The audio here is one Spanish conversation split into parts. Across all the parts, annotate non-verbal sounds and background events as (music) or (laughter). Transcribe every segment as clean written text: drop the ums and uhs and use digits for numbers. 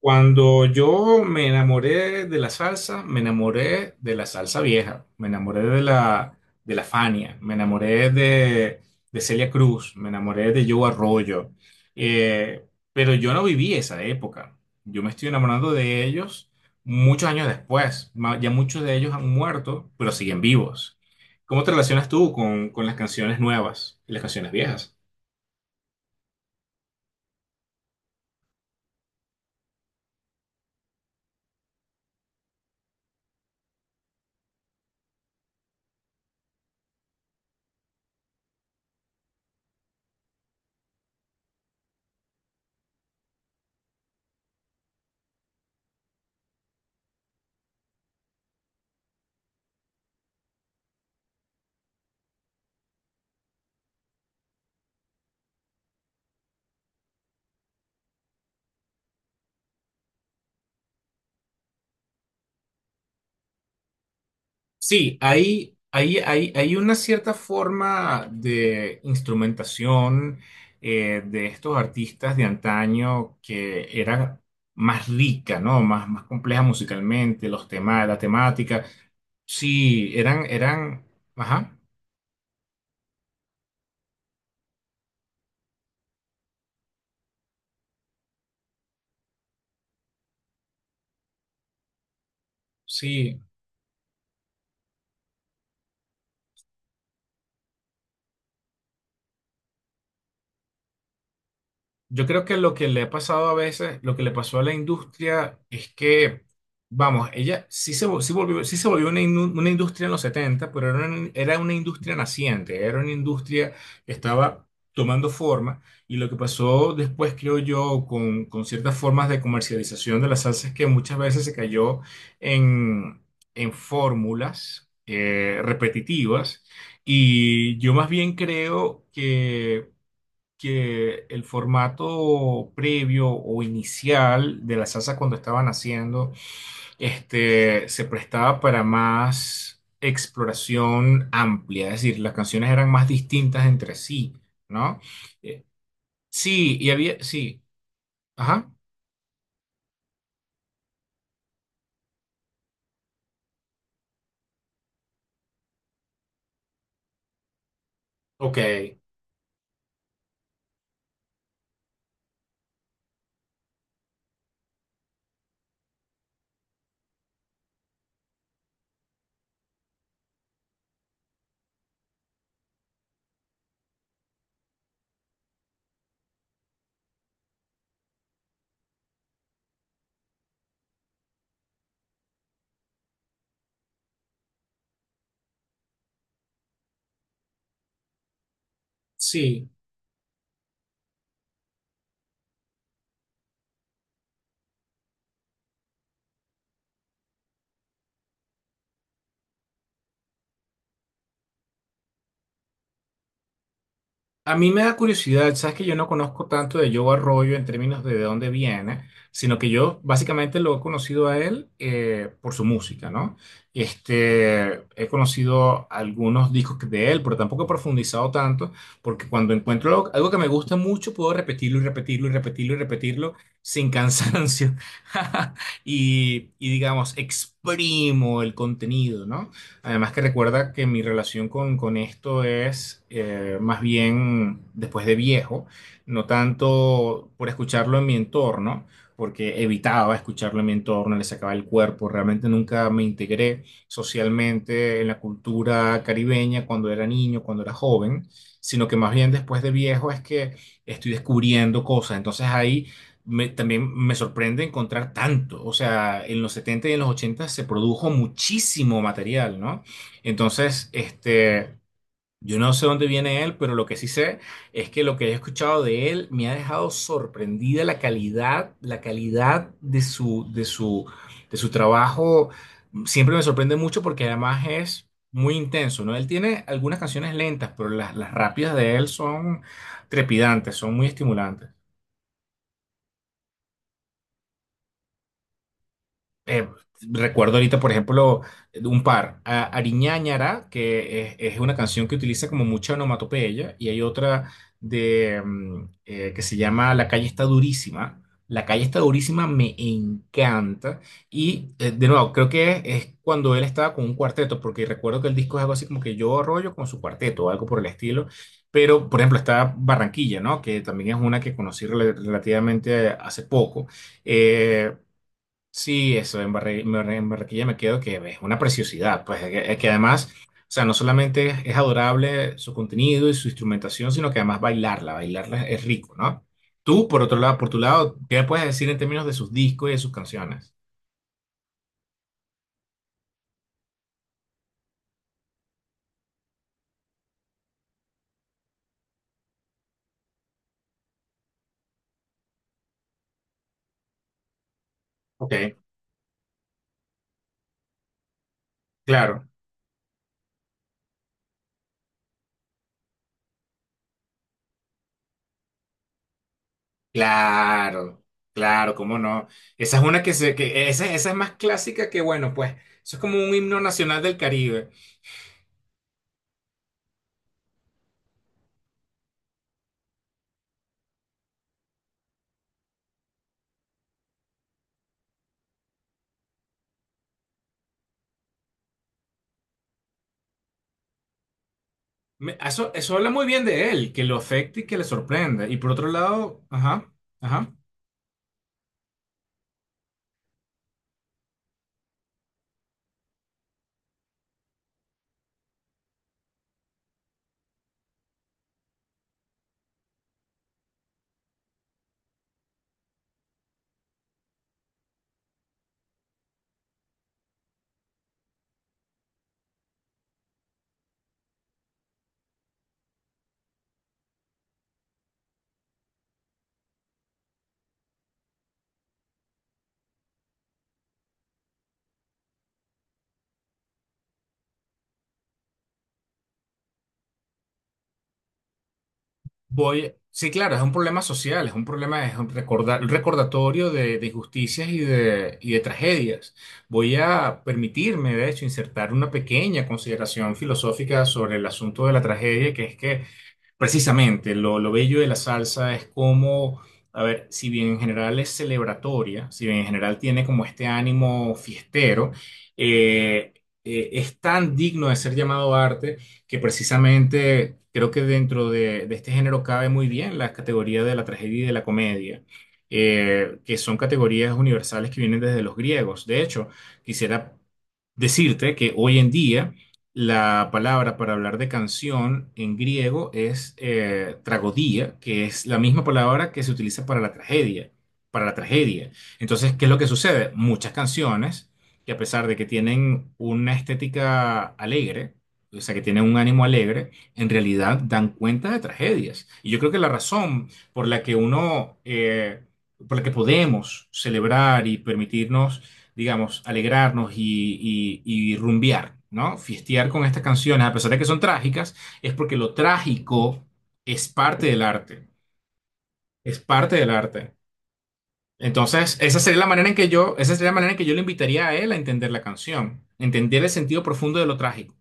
Cuando yo me enamoré de la salsa, me enamoré de la salsa vieja, me enamoré de la Fania, me enamoré de Celia Cruz, me enamoré de Joe Arroyo. Eh, pero yo no viví esa época. Yo me estoy enamorando de ellos muchos años después. Ya muchos de ellos han muerto, pero siguen vivos. ¿Cómo te relacionas tú con las canciones nuevas y las canciones viejas? Sí, hay una cierta forma de instrumentación de estos artistas de antaño que era más rica, ¿no? Más compleja musicalmente, los temas, la temática. Sí, ajá, sí. Yo creo que lo que le ha pasado a veces, lo que le pasó a la industria es que, vamos, ella sí se, vol- sí volvió, sí se volvió una industria en los 70, pero era una industria naciente, era una industria que estaba tomando forma y lo que pasó después, creo yo, con ciertas formas de comercialización de las salsas que muchas veces se cayó en, en fórmulas repetitivas y yo más bien creo que el formato previo o inicial de la salsa cuando estaban haciendo, se prestaba para más exploración amplia, es decir, las canciones eran más distintas entre sí, ¿no? Eh, sí, y había, sí, ajá, ok, sí. A mí me da curiosidad, sabes que yo no conozco tanto de Joe Arroyo en términos de dónde viene, sino que yo básicamente lo he conocido a él por su música, ¿no? He conocido algunos discos de él, pero tampoco he profundizado tanto, porque cuando encuentro algo, algo que me gusta mucho, puedo repetirlo y repetirlo y repetirlo y repetirlo sin cansancio. (laughs) Y, y digamos, exprimo el contenido, ¿no? Además que recuerda que mi relación con esto es más bien después de viejo, no tanto por escucharlo en mi entorno, porque evitaba escucharlo en mi entorno, le sacaba el cuerpo, realmente nunca me integré socialmente en la cultura caribeña cuando era niño, cuando era joven, sino que más bien después de viejo es que estoy descubriendo cosas. Entonces ahí también me sorprende encontrar tanto. O sea, en los 70 y en los 80 se produjo muchísimo material, ¿no? Entonces, yo no sé dónde viene él, pero lo que sí sé es que lo que he escuchado de él me ha dejado sorprendida la calidad de su trabajo. Siempre me sorprende mucho porque además es muy intenso, ¿no? Él tiene algunas canciones lentas, pero las rápidas de él son trepidantes, son muy estimulantes. eh, Recuerdo ahorita, por ejemplo, un par, Ariñá Ñará, que es una canción que utiliza como mucha onomatopeya, y hay otra que se llama La calle está durísima. La calle está durísima me encanta. Y de nuevo, creo que es, cuando él estaba con un cuarteto, porque recuerdo que el disco es algo así como que yo rollo con su cuarteto o algo por el estilo. Pero, por ejemplo, está Barranquilla, ¿no? Que también es una que conocí relativamente hace poco. Eh, Sí, eso, en Barranquilla me quedo que es una preciosidad, pues es que además, o sea, no solamente es adorable su contenido y su instrumentación, sino que además bailarla, bailarla es rico, ¿no? Tú, por otro lado, por tu lado, ¿qué puedes decir en términos de sus discos y de sus canciones? Ok, claro. Claro, claro, cómo no. Esa es una que se, que esa es más clásica que bueno, pues eso es como un himno nacional del Caribe. Eso, eso habla muy bien de él, que lo afecte y que le sorprenda. Y por otro lado, ajá, ajá. Voy, sí, claro, es un problema social, es un problema, es un un recordatorio de injusticias y de tragedias. Voy a permitirme, de hecho, insertar una pequeña consideración filosófica sobre el asunto de la tragedia, que es que precisamente, lo bello de la salsa es como, a ver, si bien en general es celebratoria, si bien en general tiene como este ánimo fiestero, eh, es tan digno de ser llamado arte que precisamente creo que dentro de este género cabe muy bien la categoría de la tragedia y de la comedia, que son categorías universales que vienen desde los griegos. De hecho, quisiera decirte que hoy en día la palabra para hablar de canción en griego es tragodia, que es la misma palabra que se utiliza para la tragedia, para la tragedia. Entonces, ¿qué es lo que sucede? Muchas canciones que a pesar de que tienen una estética alegre, o sea, que tienen un ánimo alegre, en realidad dan cuenta de tragedias. Y yo creo que la razón por la que uno, por la que podemos celebrar y permitirnos digamos, alegrarnos y rumbear, ¿no? Fiestear con estas canciones, a pesar de que son trágicas, es porque lo trágico es parte del arte, es parte del arte. Entonces, esa sería la manera en que yo, esa sería la manera en que yo le invitaría a él a entender la canción, entender el sentido profundo de lo trágico.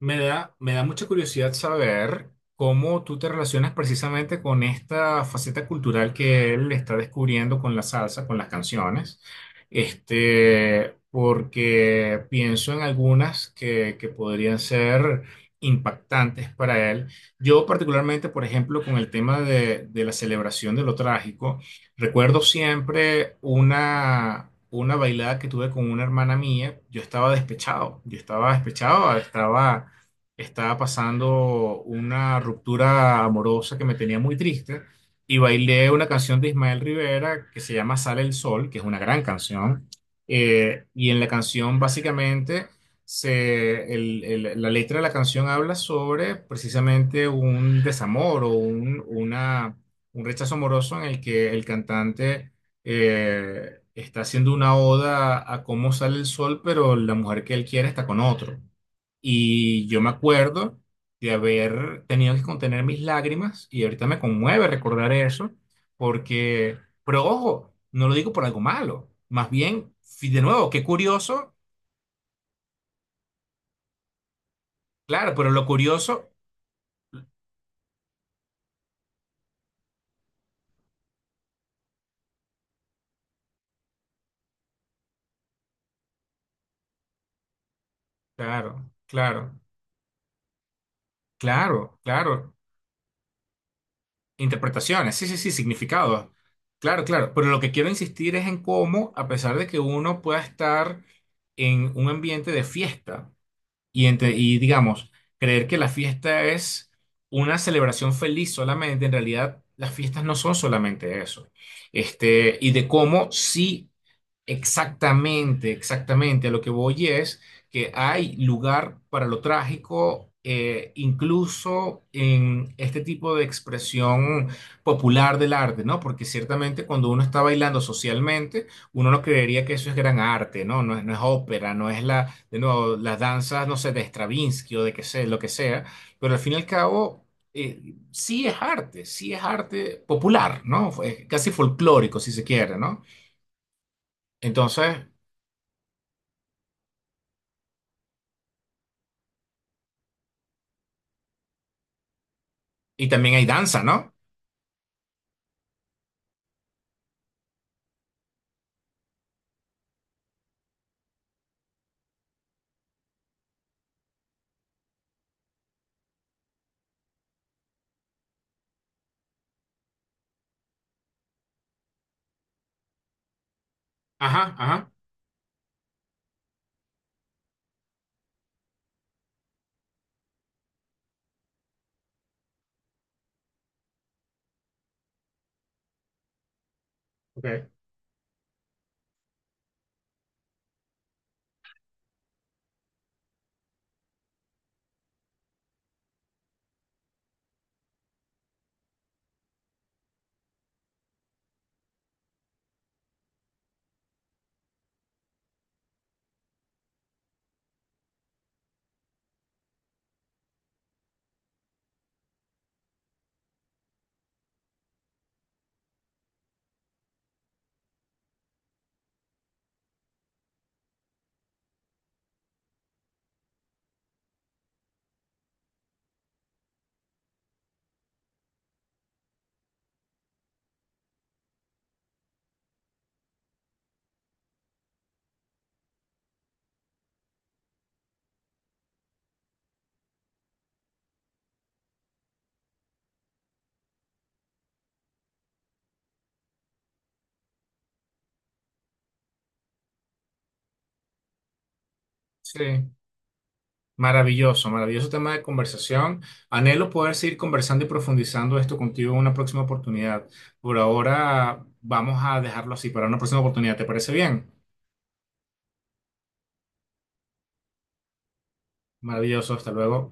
Me da mucha curiosidad saber cómo tú te relacionas precisamente con esta faceta cultural que él está descubriendo con la salsa, con las canciones. Porque pienso en algunas que podrían ser impactantes para él. Yo particularmente, por ejemplo, con el tema de la celebración de lo trágico, recuerdo siempre una bailada que tuve con una hermana mía, yo estaba despechado, estaba pasando una ruptura amorosa que me tenía muy triste y bailé una canción de Ismael Rivera que se llama Sale el Sol, que es una gran canción. Y en la canción básicamente la letra de la canción habla sobre precisamente un desamor o un rechazo amoroso en el que el cantante está haciendo una oda a cómo sale el sol, pero la mujer que él quiere está con otro. Y yo me acuerdo de haber tenido que contener mis lágrimas y ahorita me conmueve recordar eso, porque, pero ojo, no lo digo por algo malo, más bien, de nuevo, qué curioso, claro, pero lo curioso, claro, claro, claro, claro, interpretaciones, sí, sí, sí, significados, claro, claro, pero lo que quiero insistir es en cómo, a pesar de que uno pueda estar en un ambiente de fiesta, Y, y digamos, creer que la fiesta es una celebración feliz solamente, en realidad las fiestas no son solamente eso. Y de cómo sí exactamente, exactamente. A lo que voy es que hay lugar para lo trágico, incluso en este tipo de expresión popular del arte, ¿no? Porque ciertamente cuando uno está bailando socialmente, uno no creería que eso es gran arte, ¿no? No es, no es ópera, no es la, de nuevo, las danzas, no sé, de Stravinsky o de que sé, lo que sea, pero al fin y al cabo... sí es arte popular, ¿no? Fue casi folclórico, si se quiere, ¿no? Entonces, y también hay danza, ¿no? Ajá, ajá, ok. Sí. Maravilloso, maravilloso tema de conversación. Anhelo poder seguir conversando y profundizando esto contigo en una próxima oportunidad. Por ahora vamos a dejarlo así para una próxima oportunidad. ¿Te parece bien? Maravilloso, hasta luego.